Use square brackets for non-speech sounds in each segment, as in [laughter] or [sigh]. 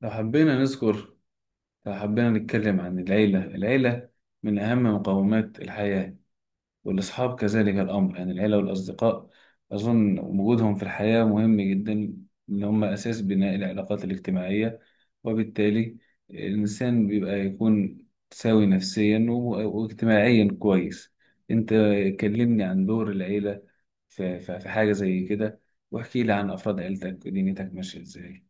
لو حبينا نذكر لو حبينا نتكلم عن العيلة من أهم مقومات الحياة، والأصحاب كذلك الأمر، يعني العيلة والأصدقاء، أظن وجودهم في الحياة مهم جدا، إن هم أساس بناء العلاقات الاجتماعية، وبالتالي الإنسان بيبقى يكون سوي نفسيا واجتماعيا كويس. أنت كلمني عن دور العيلة في حاجة زي كده، واحكي لي عن أفراد عيلتك ودنيتك ماشية إزاي؟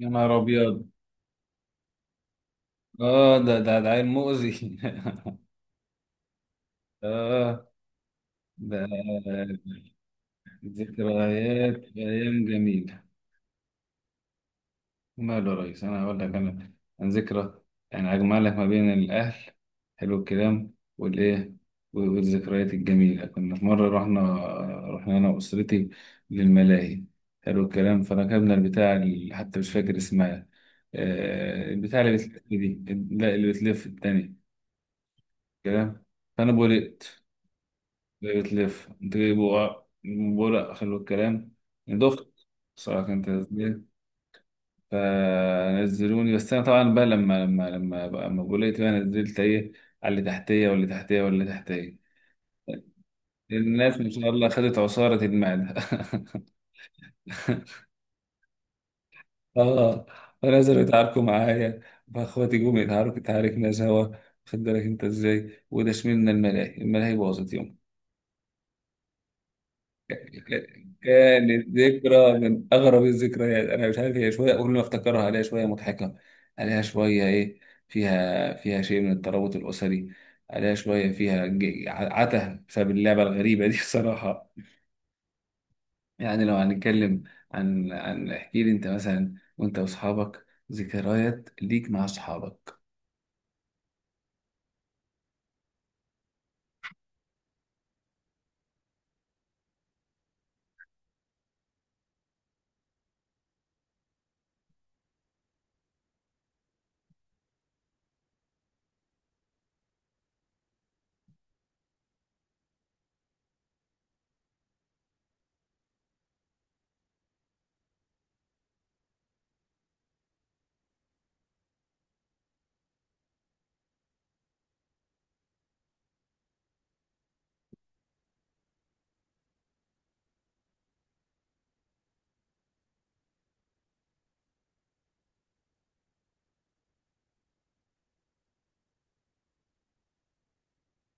يا نهار أبيض. اه، ده عيل مؤذي. [laughs] اه. ده ذكريات ايام جميله. ماله يا ريس، انا هقول لك انا عن ذكرى، يعني اجمع لك ما بين الاهل. حلو الكلام. والايه والذكريات الجميله، كنا في مره رحنا، رحنا انا واسرتي للملاهي. حلو الكلام. فركبنا البتاع اللي حتى مش فاكر اسمها، البتاع اللي بتلف دي. لا، اللي بتلف التانية كلام. فانا بولقت، بتلف تجيب بقى. حلو الكلام. دخت، صراحة كان تسجيل. فنزلوني، بس أنا طبعا بقى لما بقولت بقى نزلت إيه على اللي تحتية، واللي تحتية، واللي تحتية. الناس ما شاء الله خدت عصارة المعدة. [laughs] اه فنزلوا يتعاركوا معايا، فاخواتي جم يتعاركوا، تعاركنا سوا. خد بالك انت ازاي، وده شملنا، الملاهي باظت. كانت ذكرى من أغرب الذكريات، أنا مش عارف، هي شوية كل ما أفتكرها عليها شوية مضحكة، عليها شوية إيه، فيها شيء من الترابط الأسري. عليها شوية فيها عته بسبب اللعبة الغريبة دي. [laughs] بصراحة. يعني لو هنتكلم عن عن احكي لي أنت مثلا، وأنت وأصحابك ذكريات ليك مع أصحابك.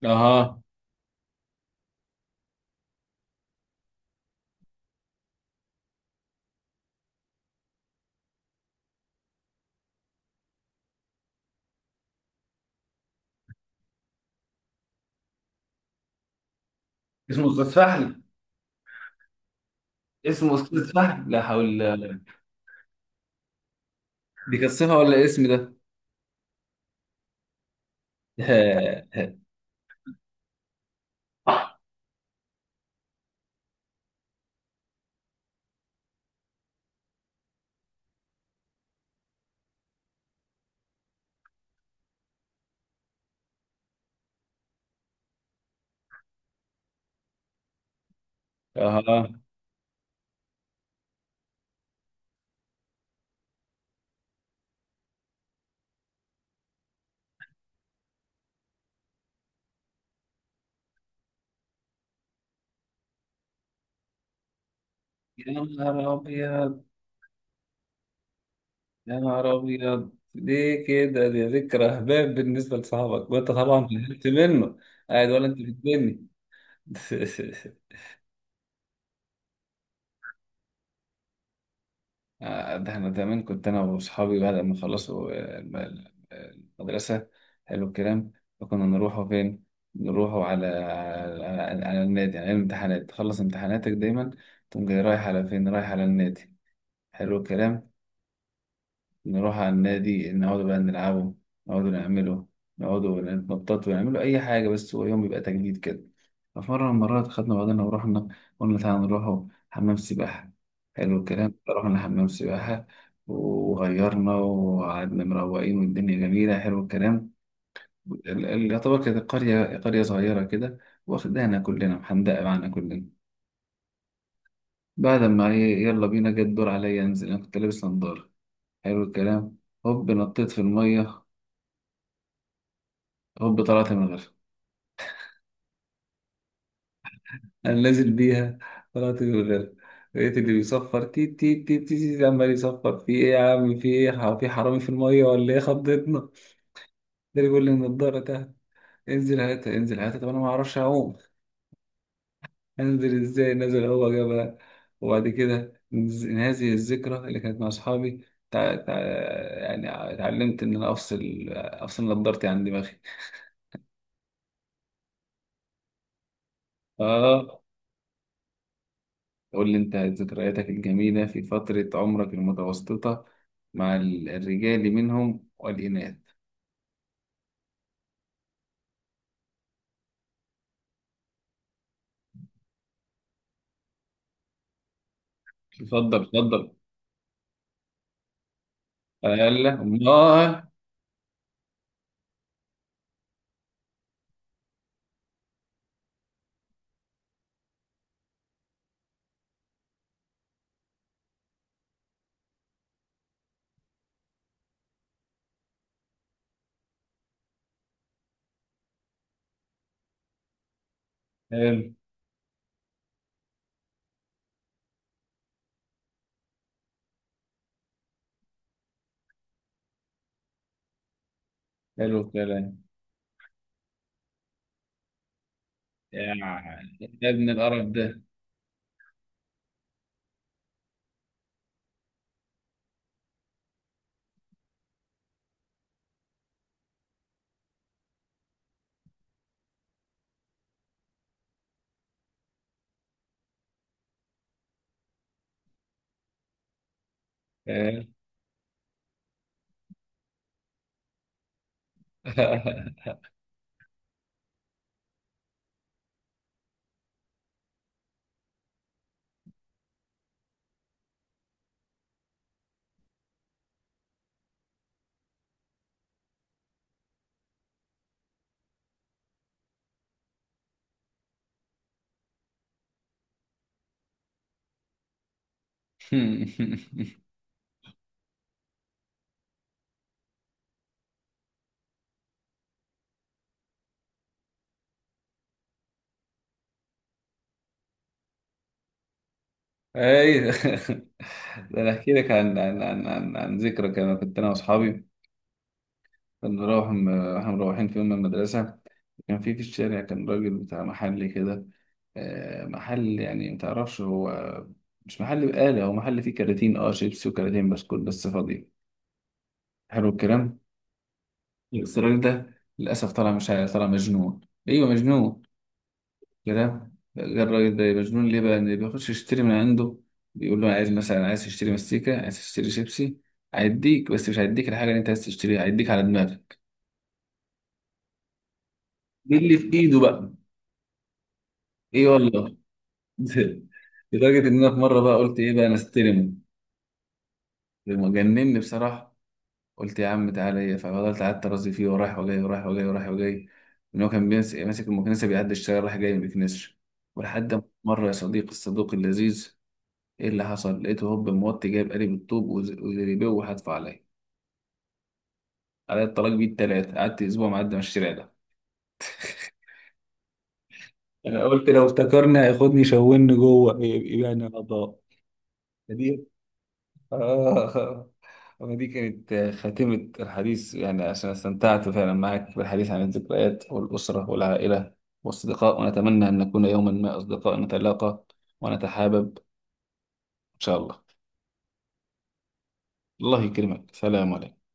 أها. اسمه استاذ فهمي. اسمه استاذ فهمي، لا حول. دي كانت صفة ولا اسم ده؟ [laughs] آه. أها. يا نهار أبيض. يا نهار أبيض، ليه كده؟ دي ذكرى هباب بالنسبة لصاحبك، وأنت طبعا زعلت منه، قاعد ولا أنت بتبني؟ [laughs] ده أنا زمان كنت أنا وأصحابي بعد ما خلصوا المدرسة. حلو الكلام. فكنا نروحوا فين؟ نروحوا على النادي، على الامتحانات، تخلص امتحاناتك دايما تقوم جاي رايح على فين؟ رايح على النادي. حلو الكلام. نروح على النادي، نقعد بقى نلعبه، نقعد نعمله، نقعد نتنطط ونعمله أي حاجة، بس هو يوم يبقى تجديد كده. ففي مرة من المرات خدنا بعضنا ورحنا، قلنا تعالى نروح حمام سباحة. حلو الكلام. رحنا حمام سباحة، وغيرنا وقعدنا مروقين، والدنيا جميلة. حلو الكلام. يعتبر كانت قرية، قرية صغيرة كده، واخدانا كلنا، محندقة معانا كلنا. بعد ما إيه، يلا بينا جه الدور عليا انزل، انا كنت لابس نضارة. حلو الكلام. هوب نطيت في المية، هوب طلعت من غيرها. انا نازل بيها، طلعت من غيرها. لقيت اللي بيصفر، تي تي تي تي, تي، عمال يصفر، في ايه يا عم؟ في ايه؟ في حرامي في الميه ولا ايه؟ خضتنا ده. اللي بيقول لي النضاره تحت، انزل هاتها، انزل هاتها، طب انا ما اعرفش اعوم، انزل ازاي نازل؟ هو جابها. وبعد كده هذه الذكرى اللي كانت مع اصحابي. تع... تع... يعني اتعلمت ان انا افصل نضارتي عن دماغي. اه. قول لي أنت ذكرياتك الجميلة في فترة عمرك المتوسطة، مع الرجال منهم والإناث. اتفضل، اتفضل. ألا الله. حلو. حلو الكلام. يعني. يا ابن القرف ده. حلو. [laughs] ايوه. ده انا احكي لك عن ذكرى، كان كنت انا واصحابي، كنا نروح احنا مروحين في يوم من المدرسة. كان في الشارع كان راجل بتاع محل كده. محل، يعني متعرفش هو، مش محل بقالة، هو محل فيه كراتين شيبسي وكراتين بسكوت بس فاضي. حلو الكلام. بس الراجل ده للأسف طلع، مش عارف، طلع مجنون. أيوه مجنون كده. الراجل ده مجنون ليه بقى، إن بيخش يشتري من عنده، بيقول له عايز مثلا، عايز تشتري مستيكة، عايز تشتري شيبسي، هيديك، بس مش هيديك الحاجة اللي أنت عايز تشتريها، هيديك على دماغك باللي في إيده بقى. إيه والله. [laughs] لدرجة إن أنا في مرة بقى قلت إيه بقى، أنا استلم لما جنني بصراحة. قلت يا عم تعالى إيه، ففضلت قعدت أرازي فيه ورايح وجاي، ورايح وجاي، ورايح وجاي، إن هو كان ماسك المكنسة، بيعدي الشارع رايح جاي ما بيكنسش. ولحد ما مرة، يا صديقي الصدوق اللذيذ، إيه اللي حصل؟ لقيته هوب موطي، جايب قالب الطوب وزريبيه وحدفه عليا. عليا الطلاق بيه التلاتة، قعدت أسبوع معدي من الشارع ده. أنا قلت لو افتكرني هياخدني يشوهني جوه، يبقى أنا أعضاء. آه. ما دي كانت خاتمة الحديث، يعني عشان استمتعت فعلا معك بالحديث عن الذكريات والأسرة والعائلة والأصدقاء، ونتمنى أن نكون يوما ما أصدقاء نتلاقى ونتحابب، إن شاء الله. الله يكرمك، سلام عليكم.